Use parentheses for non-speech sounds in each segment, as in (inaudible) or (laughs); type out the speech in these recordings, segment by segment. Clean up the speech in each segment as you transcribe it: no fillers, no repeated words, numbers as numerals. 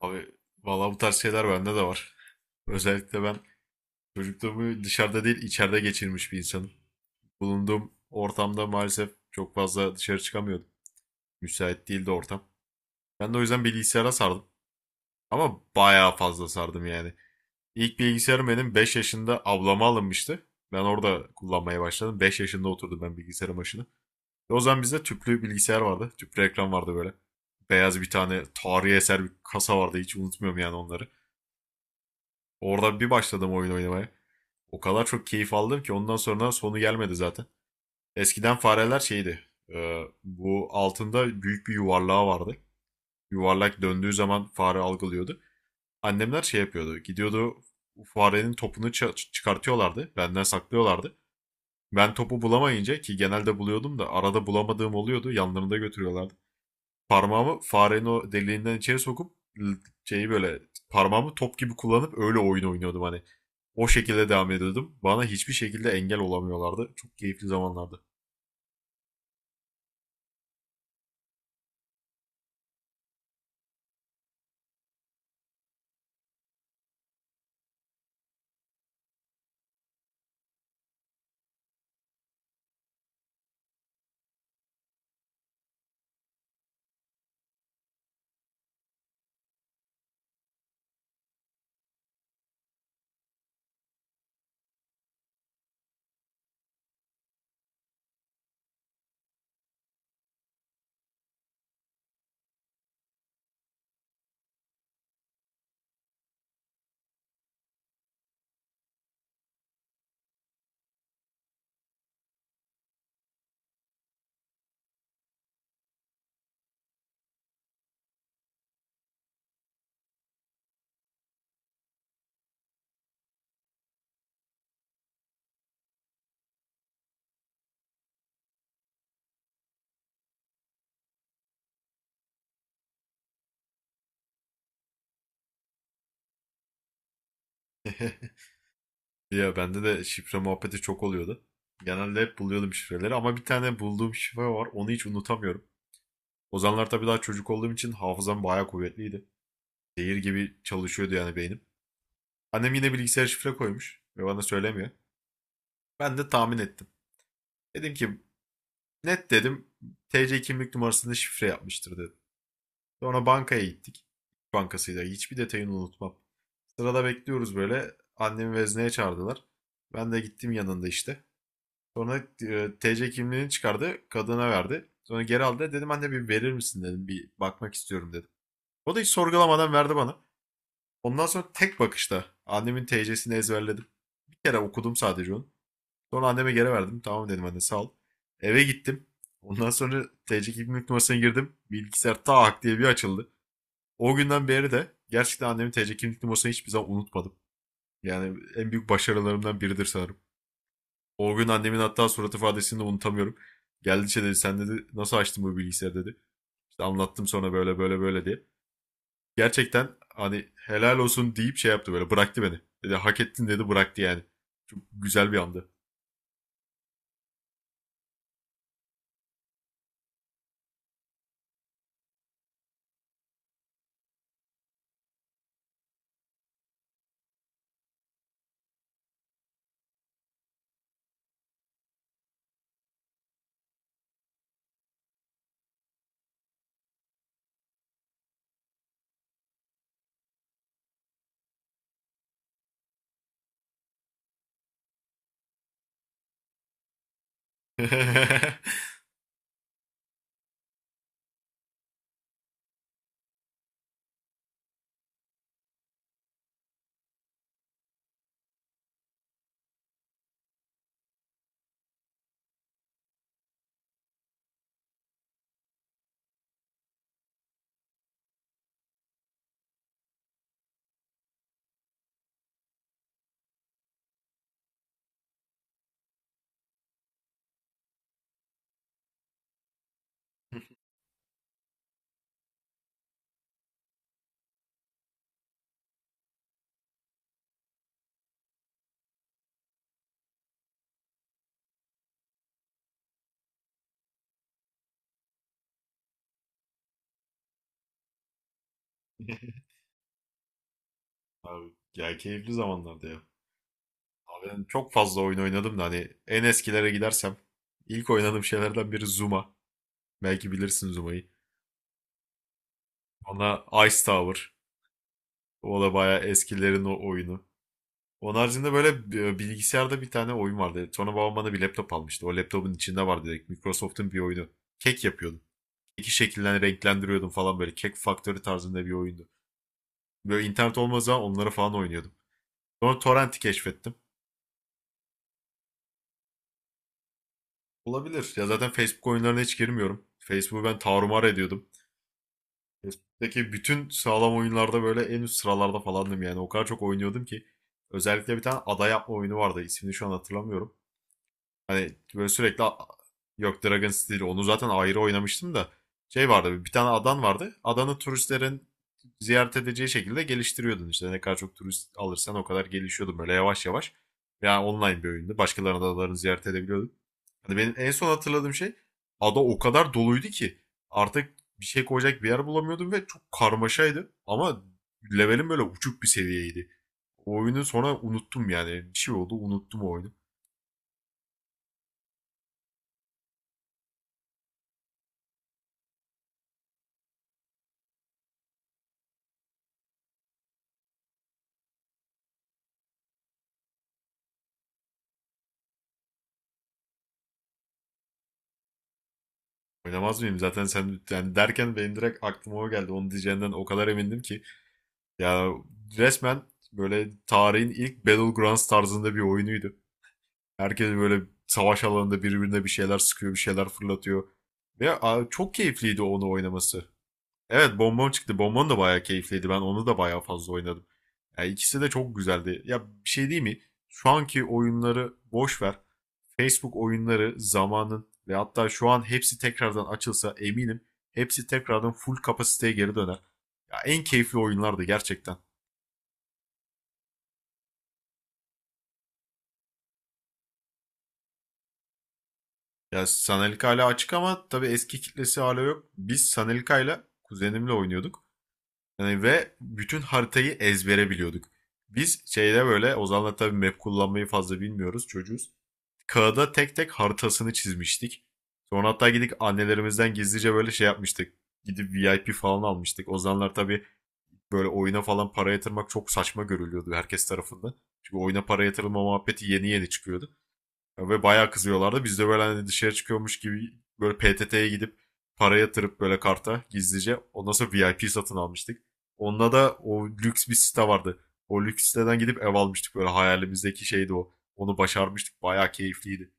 Abi valla bu tarz şeyler bende de var. Özellikle ben çocukluğumu dışarıda değil içeride geçirmiş bir insanım. Bulunduğum ortamda maalesef çok fazla dışarı çıkamıyordum. Müsait değildi ortam. Ben de o yüzden bilgisayara sardım. Ama bayağı fazla sardım yani. İlk bilgisayarım benim 5 yaşında ablama alınmıştı. Ben orada kullanmaya başladım. 5 yaşında oturdum ben bilgisayarın başına. Ve o zaman bizde tüplü bilgisayar vardı. Tüplü ekran vardı böyle. Beyaz bir tane tarihi eser bir kasa vardı. Hiç unutmuyorum yani onları. Orada bir başladım oyun oynamaya. O kadar çok keyif aldım ki ondan sonra sonu gelmedi zaten. Eskiden fareler şeydi. Bu altında büyük bir yuvarlağı vardı. Yuvarlak döndüğü zaman fare algılıyordu. Annemler şey yapıyordu. Gidiyordu farenin topunu çıkartıyorlardı. Benden saklıyorlardı. Ben topu bulamayınca ki genelde buluyordum da arada bulamadığım oluyordu. Yanlarında götürüyorlardı. Parmağımı farenin o deliğinden içeri sokup şeyi böyle parmağımı top gibi kullanıp öyle oyun oynuyordum hani. O şekilde devam ediyordum. Bana hiçbir şekilde engel olamıyorlardı. Çok keyifli zamanlardı. (laughs) Ya bende de şifre muhabbeti çok oluyordu. Genelde hep buluyordum şifreleri ama bir tane bulduğum şifre var. Onu hiç unutamıyorum. O zamanlar tabii daha çocuk olduğum için hafızam bayağı kuvvetliydi. Zehir gibi çalışıyordu yani beynim. Annem yine bilgisayar şifre koymuş ve bana söylemiyor. Ben de tahmin ettim. Dedim ki net dedim TC kimlik numarasını şifre yapmıştır dedim. Sonra bankaya gittik. Bankasıyla hiçbir detayını unutmam. Sırada bekliyoruz böyle. Annemi vezneye çağırdılar. Ben de gittim yanında işte. Sonra TC kimliğini çıkardı. Kadına verdi. Sonra geri aldı. Dedim anne bir verir misin dedim. Bir bakmak istiyorum dedim. O da hiç sorgulamadan verdi bana. Ondan sonra tek bakışta annemin TC'sini ezberledim. Bir kere okudum sadece onu. Sonra anneme geri verdim. Tamam dedim anne sağ ol. Eve gittim. Ondan sonra TC kimlik numarasına girdim. Bilgisayar tak diye bir açıldı. O günden beri de gerçekten annemin TC kimlik numarasını hiçbir zaman unutmadım. Yani en büyük başarılarımdan biridir sanırım. O gün annemin hatta surat ifadesini de unutamıyorum. Geldi şey dedi sen dedi nasıl açtın bu bilgisayarı dedi. İşte anlattım sonra böyle böyle böyle diye. Gerçekten hani helal olsun deyip şey yaptı böyle bıraktı beni. Dedi hak ettin dedi bıraktı yani. Çok güzel bir andı. (laughs) Abi, ya keyifli zamanlardı ya. Ben çok fazla oyun oynadım da hani en eskilere gidersem ilk oynadığım şeylerden biri Zuma. Belki bilirsin Zuma'yı. Ona Ice Tower. O da bayağı eskilerin o oyunu. Onun haricinde böyle bilgisayarda bir tane oyun vardı. Sonra babam bana bir laptop almıştı. O laptopun içinde vardı direkt. Microsoft'un bir oyunu. Kek yapıyordum. Keki şekillen renklendiriyordum falan böyle. Kek Factory tarzında bir oyundu. Böyle internet olmadığı zaman onları falan oynuyordum. Sonra Torrent'i keşfettim. Olabilir. Ya zaten Facebook oyunlarına hiç girmiyorum. Facebook'u ben tarumar ediyordum. Evet. Peki bütün sağlam oyunlarda böyle en üst sıralarda falandım yani. O kadar çok oynuyordum ki. Özellikle bir tane ada yapma oyunu vardı. İsmini şu an hatırlamıyorum. Hani böyle sürekli yok Dragon Steel onu zaten ayrı oynamıştım da. Şey vardı bir tane adan vardı. Adanı turistlerin ziyaret edeceği şekilde geliştiriyordun işte. Ne kadar çok turist alırsan o kadar gelişiyordu böyle yavaş yavaş. Yani online bir oyundu. Başkalarının adalarını ziyaret edebiliyordun. Yani benim en son hatırladığım şey ada o kadar doluydu ki artık bir şey koyacak bir yer bulamıyordum ve çok karmaşaydı. Ama levelim böyle uçuk bir seviyeydi. O oyunu sonra unuttum yani. Bir şey oldu unuttum o oyunu. Oynamaz mıyım? Zaten sen yani derken benim direkt aklıma o geldi. Onu diyeceğinden o kadar emindim ki. Ya resmen böyle tarihin ilk Battlegrounds tarzında bir oyunuydu. Herkes böyle savaş alanında birbirine bir şeyler sıkıyor, bir şeyler fırlatıyor. Ve çok keyifliydi onu oynaması. Evet Bonbon çıktı. Bonbon da bayağı keyifliydi. Ben onu da bayağı fazla oynadım. Yani ikisi de çok güzeldi. Ya bir şey değil mi? Şu anki oyunları boş ver. Facebook oyunları zamanın ve hatta şu an hepsi tekrardan açılsa eminim hepsi tekrardan full kapasiteye geri döner. Ya en keyifli oyunlardı gerçekten. Ya Sanalika hala açık ama tabii eski kitlesi hala yok. Biz Sanalika'yla kuzenimle oynuyorduk. Yani ve bütün haritayı ezbere biliyorduk. Biz şeyde böyle Ozan'la tabii map kullanmayı fazla bilmiyoruz çocuğuz. Kağıda tek tek haritasını çizmiştik. Sonra hatta gidip annelerimizden gizlice böyle şey yapmıştık. Gidip VIP falan almıştık. Ozanlar tabii böyle oyuna falan para yatırmak çok saçma görülüyordu herkes tarafından. Çünkü oyuna para yatırılma muhabbeti yeni yeni çıkıyordu. Ve bayağı kızıyorlardı. Biz de böyle hani dışarı çıkıyormuş gibi böyle PTT'ye gidip para yatırıp böyle karta gizlice. Ondan sonra VIP satın almıştık. Onda da o lüks bir site vardı. O lüks siteden gidip ev almıştık böyle hayalimizdeki şeydi o. Onu başarmıştık. Bayağı keyifliydi.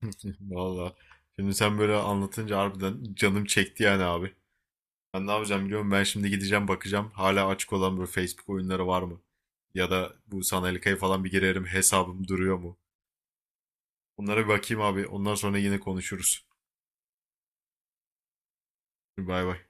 (laughs) Valla. Şimdi sen böyle anlatınca harbiden canım çekti yani abi. Ben ne yapacağım biliyorum. Ben şimdi gideceğim bakacağım. Hala açık olan böyle Facebook oyunları var mı? Ya da bu sanal falan bir girerim. Hesabım duruyor mu? Bunlara bir bakayım abi. Ondan sonra yine konuşuruz. Bay bay.